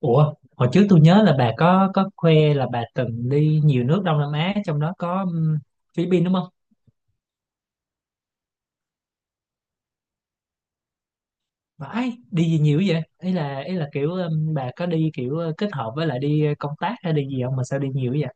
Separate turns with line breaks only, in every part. Ủa, hồi trước tôi nhớ là bà có khoe là bà từng đi nhiều nước Đông Nam Á, trong đó có Philippines đúng không? Vãi, đi gì nhiều vậy? Ý là kiểu bà có đi kiểu kết hợp với lại đi công tác hay đi gì không mà sao đi nhiều vậy?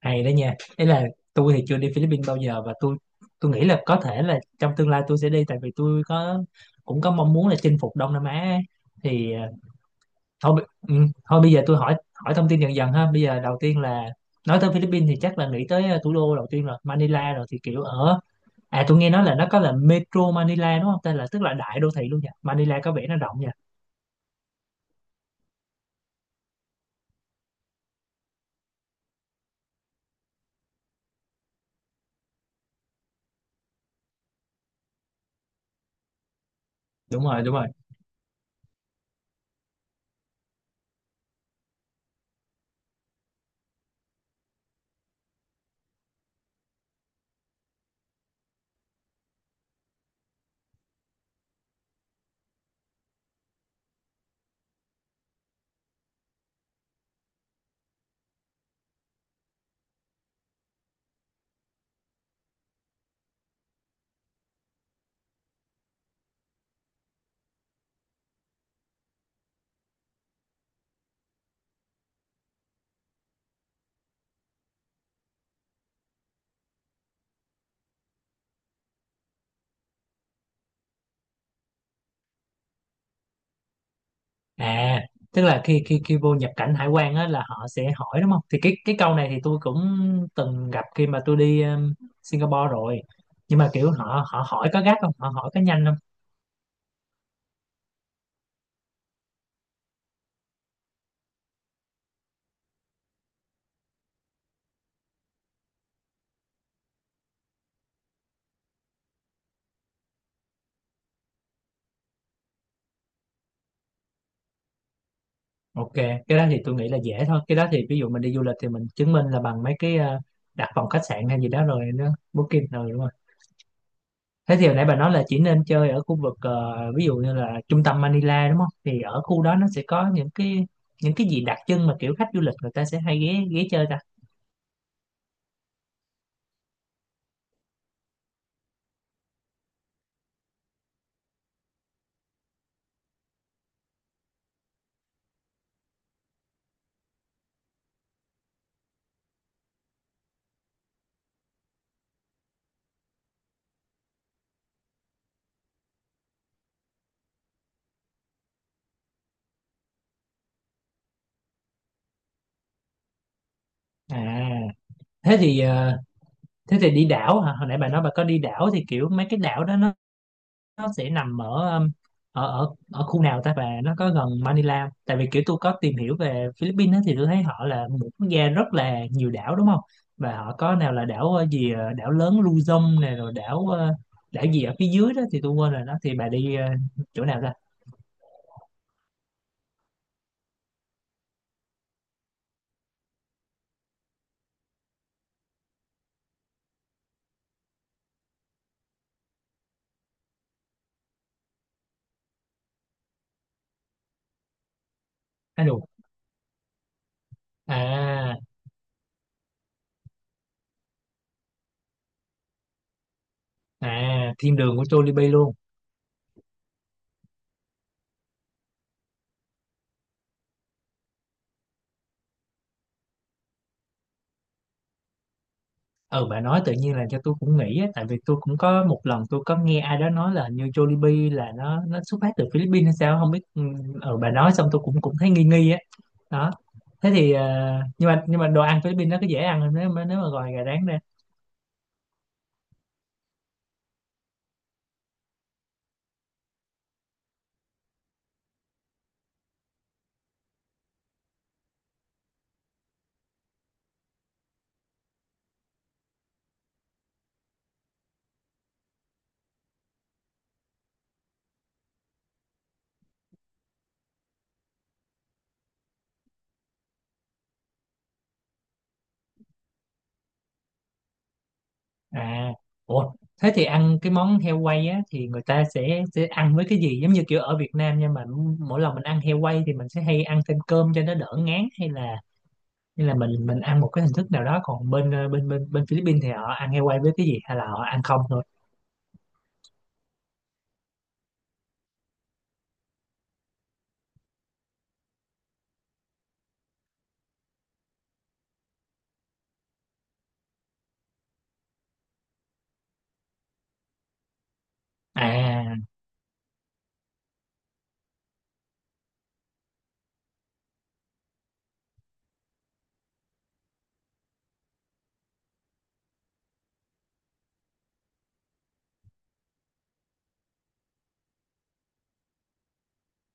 Hay đó nha. Ý là tôi thì chưa đi Philippines bao giờ, và tôi nghĩ là có thể là trong tương lai tôi sẽ đi, tại vì tôi cũng có mong muốn là chinh phục Đông Nam Á ấy. Thì thôi bi- thôi bây giờ tôi hỏi hỏi thông tin dần dần ha. Bây giờ đầu tiên là, nói tới Philippines thì chắc là nghĩ tới thủ đô đầu tiên, rồi Manila. Rồi thì kiểu ở, à tôi nghe nói là nó có là Metro Manila đúng không, tên là, tức là đại đô thị luôn nha. Manila có vẻ nó rộng nha. Đúng rồi, đúng rồi. À tức là khi khi khi vô nhập cảnh hải quan á là họ sẽ hỏi đúng không? Thì cái câu này thì tôi cũng từng gặp khi mà tôi đi Singapore rồi. Nhưng mà kiểu họ họ hỏi có gắt không, họ hỏi có nhanh không? Ok, cái đó thì tôi nghĩ là dễ thôi. Cái đó thì ví dụ mình đi du lịch thì mình chứng minh là bằng mấy cái đặt phòng khách sạn hay gì đó, rồi nó booking rồi đúng không? Thế thì hồi nãy bà nói là chỉ nên chơi ở khu vực ví dụ như là trung tâm Manila đúng không? Thì ở khu đó nó sẽ có những cái gì đặc trưng mà kiểu khách du lịch người ta sẽ hay ghé ghé chơi ta? À, thế thì ờ, thế thì đi đảo hả? Hồi nãy bà nói bà có đi đảo thì kiểu mấy cái đảo đó nó sẽ nằm ở ở khu nào ta, và nó có gần Manila không? Tại vì kiểu tôi có tìm hiểu về Philippines á, thì tôi thấy họ là một quốc gia rất là nhiều đảo đúng không? Và họ có nào là đảo đảo lớn Luzon này, rồi đảo gì ở phía dưới đó thì tôi quên rồi. Đó thì bà đi chỗ nào ra? À, à, à, thiên đường của Jollibee luôn. Ừ, bà nói tự nhiên là cho tôi cũng nghĩ á, tại vì tôi cũng có một lần tôi có nghe ai đó nói là hình như Jollibee là nó xuất phát từ Philippines hay sao không biết. Ừ, ừ bà nói xong tôi cũng cũng thấy nghi nghi á đó. Thế thì nhưng mà đồ ăn Philippines nó có dễ ăn không nếu mà, gọi gà rán ra? À, ủa thế thì ăn cái món heo quay á thì người ta sẽ ăn với cái gì? Giống như kiểu ở Việt Nam, nhưng mà mỗi lần mình ăn heo quay thì mình sẽ hay ăn thêm cơm cho nó đỡ ngán, hay là nên là mình ăn một cái hình thức nào đó? Còn bên bên Philippines thì họ ăn heo quay với cái gì, hay là họ ăn không thôi? À,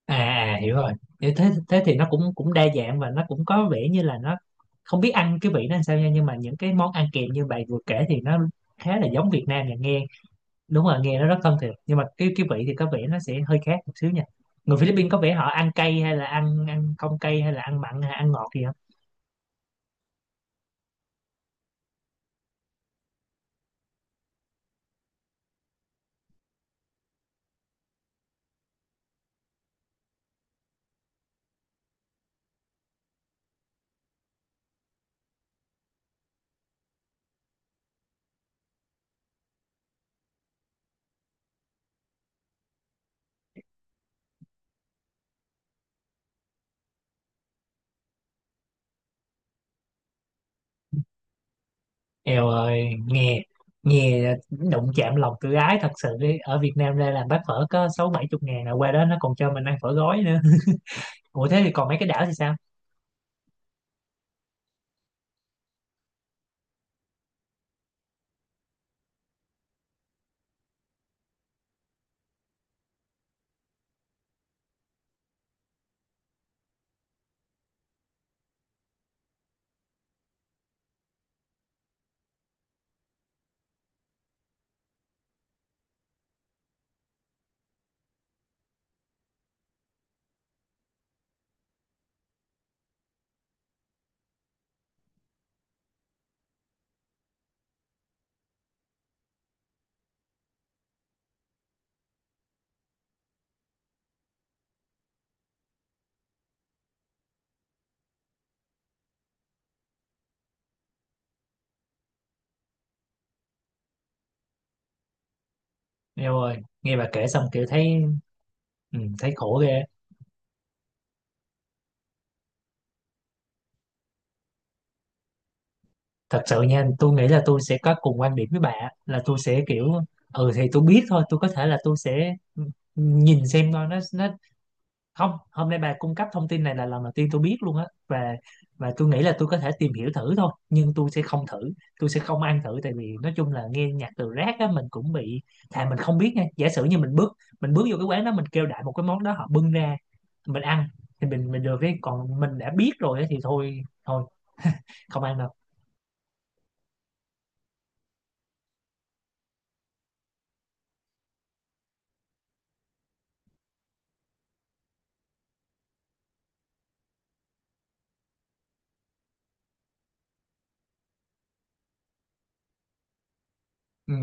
à, à, hiểu rồi. Thế thế thế thì nó cũng cũng đa dạng, và nó cũng có vẻ như là nó không biết ăn cái vị nó làm sao nha. Nhưng mà những cái món ăn kèm như bạn vừa kể thì nó khá là giống Việt Nam nha, nghe. Đúng rồi, nghe nó rất thân thiện. Nhưng mà cái vị thì có vẻ nó sẽ hơi khác một xíu nha. Người Philippines có vẻ họ ăn cay, hay là ăn ăn không cay, hay là ăn mặn hay ăn ngọt gì? Eo ơi, nghe nghe đụng chạm lòng tự ái thật sự đi. Ở Việt Nam ra làm bát phở có 60-70 ngàn, là qua đó nó còn cho mình ăn phở gói nữa. Ủa thế thì còn mấy cái đảo thì sao? Eo ơi, nghe bà kể xong kiểu thấy. Ừ, thấy khổ ghê. Thật sự nha, tôi nghĩ là tôi sẽ có cùng quan điểm với bà á, là tôi sẽ kiểu ừ thì tôi biết thôi. Tôi có thể là tôi sẽ nhìn xem coi nó không. Hôm nay bà cung cấp thông tin này là lần đầu tiên tôi biết luôn á, và tôi nghĩ là tôi có thể tìm hiểu thử thôi, nhưng tôi sẽ không thử. Tôi sẽ không ăn thử, tại vì nói chung là nghe nhạc từ rác á mình cũng bị. Thà mình không biết nha, giả sử như mình bước vô cái quán đó mình kêu đại một cái món đó, họ bưng ra mình ăn thì mình được cái. Còn mình đã biết rồi á thì thôi thôi không ăn đâu. Ừ,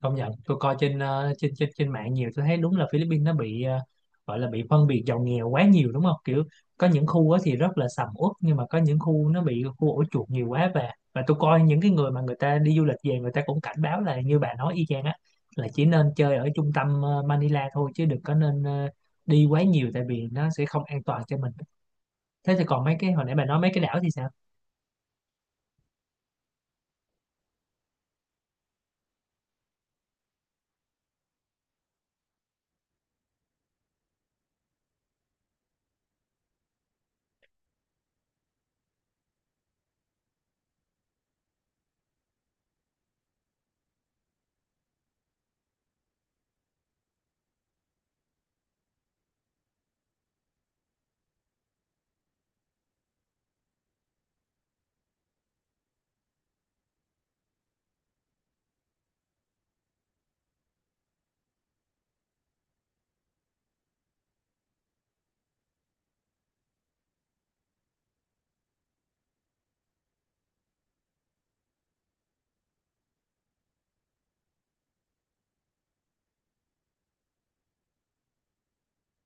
công nhận tôi coi trên trên mạng nhiều, tôi thấy đúng là Philippines nó bị gọi là bị phân biệt giàu nghèo quá nhiều đúng không, kiểu có những khu á thì rất là sầm uất, nhưng mà có những khu nó bị khu ổ chuột nhiều quá. Và tôi coi những cái người mà người ta đi du lịch về người ta cũng cảnh báo là như bà nói y chang á, là chỉ nên chơi ở trung tâm Manila thôi, chứ đừng có nên đi quá nhiều, tại vì nó sẽ không an toàn cho mình. Thế thì còn mấy cái hồi nãy bà nói mấy cái đảo thì sao?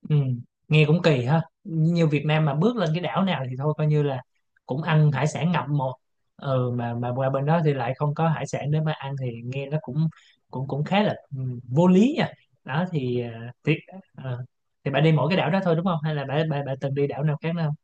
Ừ, nghe cũng kỳ ha. Như Việt Nam mà bước lên cái đảo nào thì thôi coi như là cũng ăn hải sản ngập một. Ừ, mà qua bên đó thì lại không có hải sản để mà ăn, thì nghe nó cũng cũng cũng khá là vô lý nha. Đó thì ờ, thì bạn đi mỗi cái đảo đó thôi đúng không, hay là bạn bạn, bạn từng đi đảo nào khác nữa không?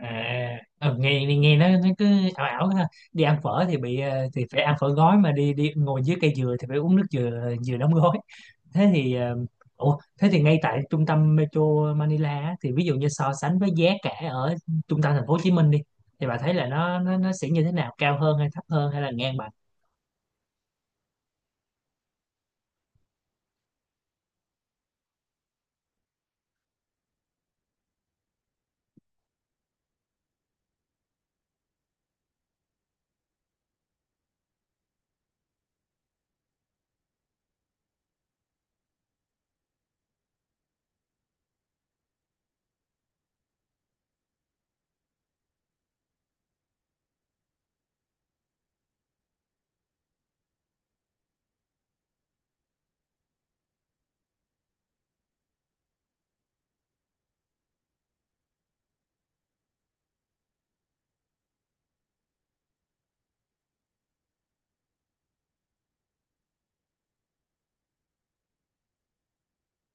À ừ, nghe nghe nó cứ ảo ảo ha. Đi ăn phở thì bị thì phải ăn phở gói, mà đi đi ngồi dưới cây dừa thì phải uống nước dừa dừa đóng gói. Thế thì ờ, ủa thế thì ngay tại trung tâm Metro Manila á, thì ví dụ như so sánh với giá cả ở trung tâm thành phố Hồ Chí Minh đi, thì bà thấy là nó sẽ như thế nào, cao hơn hay thấp hơn hay là ngang bằng?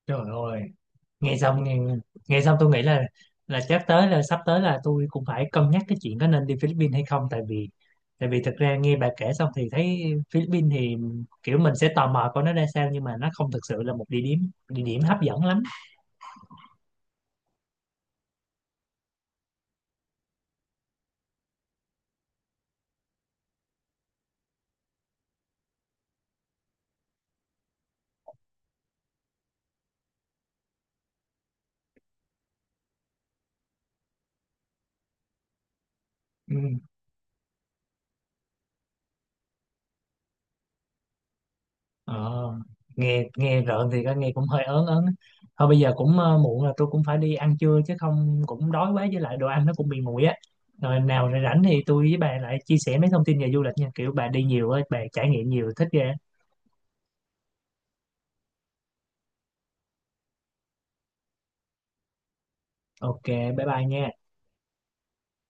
Trời ơi, nghe xong nghe, nghe xong tôi nghĩ là chắc tới là sắp tới là tôi cũng phải cân nhắc cái chuyện có nên đi Philippines hay không, tại vì thực ra nghe bà kể xong thì thấy Philippines thì kiểu mình sẽ tò mò coi nó ra sao. Nhưng mà nó không thực sự là một địa điểm hấp dẫn lắm. Ừ. Ờ, nghe nghe rợn thì có, nghe cũng hơi ớn ớn á. Thôi bây giờ cũng muộn rồi, tôi cũng phải đi ăn trưa chứ không cũng đói quá, với lại đồ ăn nó cũng bị nguội á. Rồi nào, rồi rảnh thì tôi với bà lại chia sẻ mấy thông tin về du lịch nha, kiểu bà đi nhiều á, bà trải nghiệm nhiều thích ghê. Ok, bye bye nha.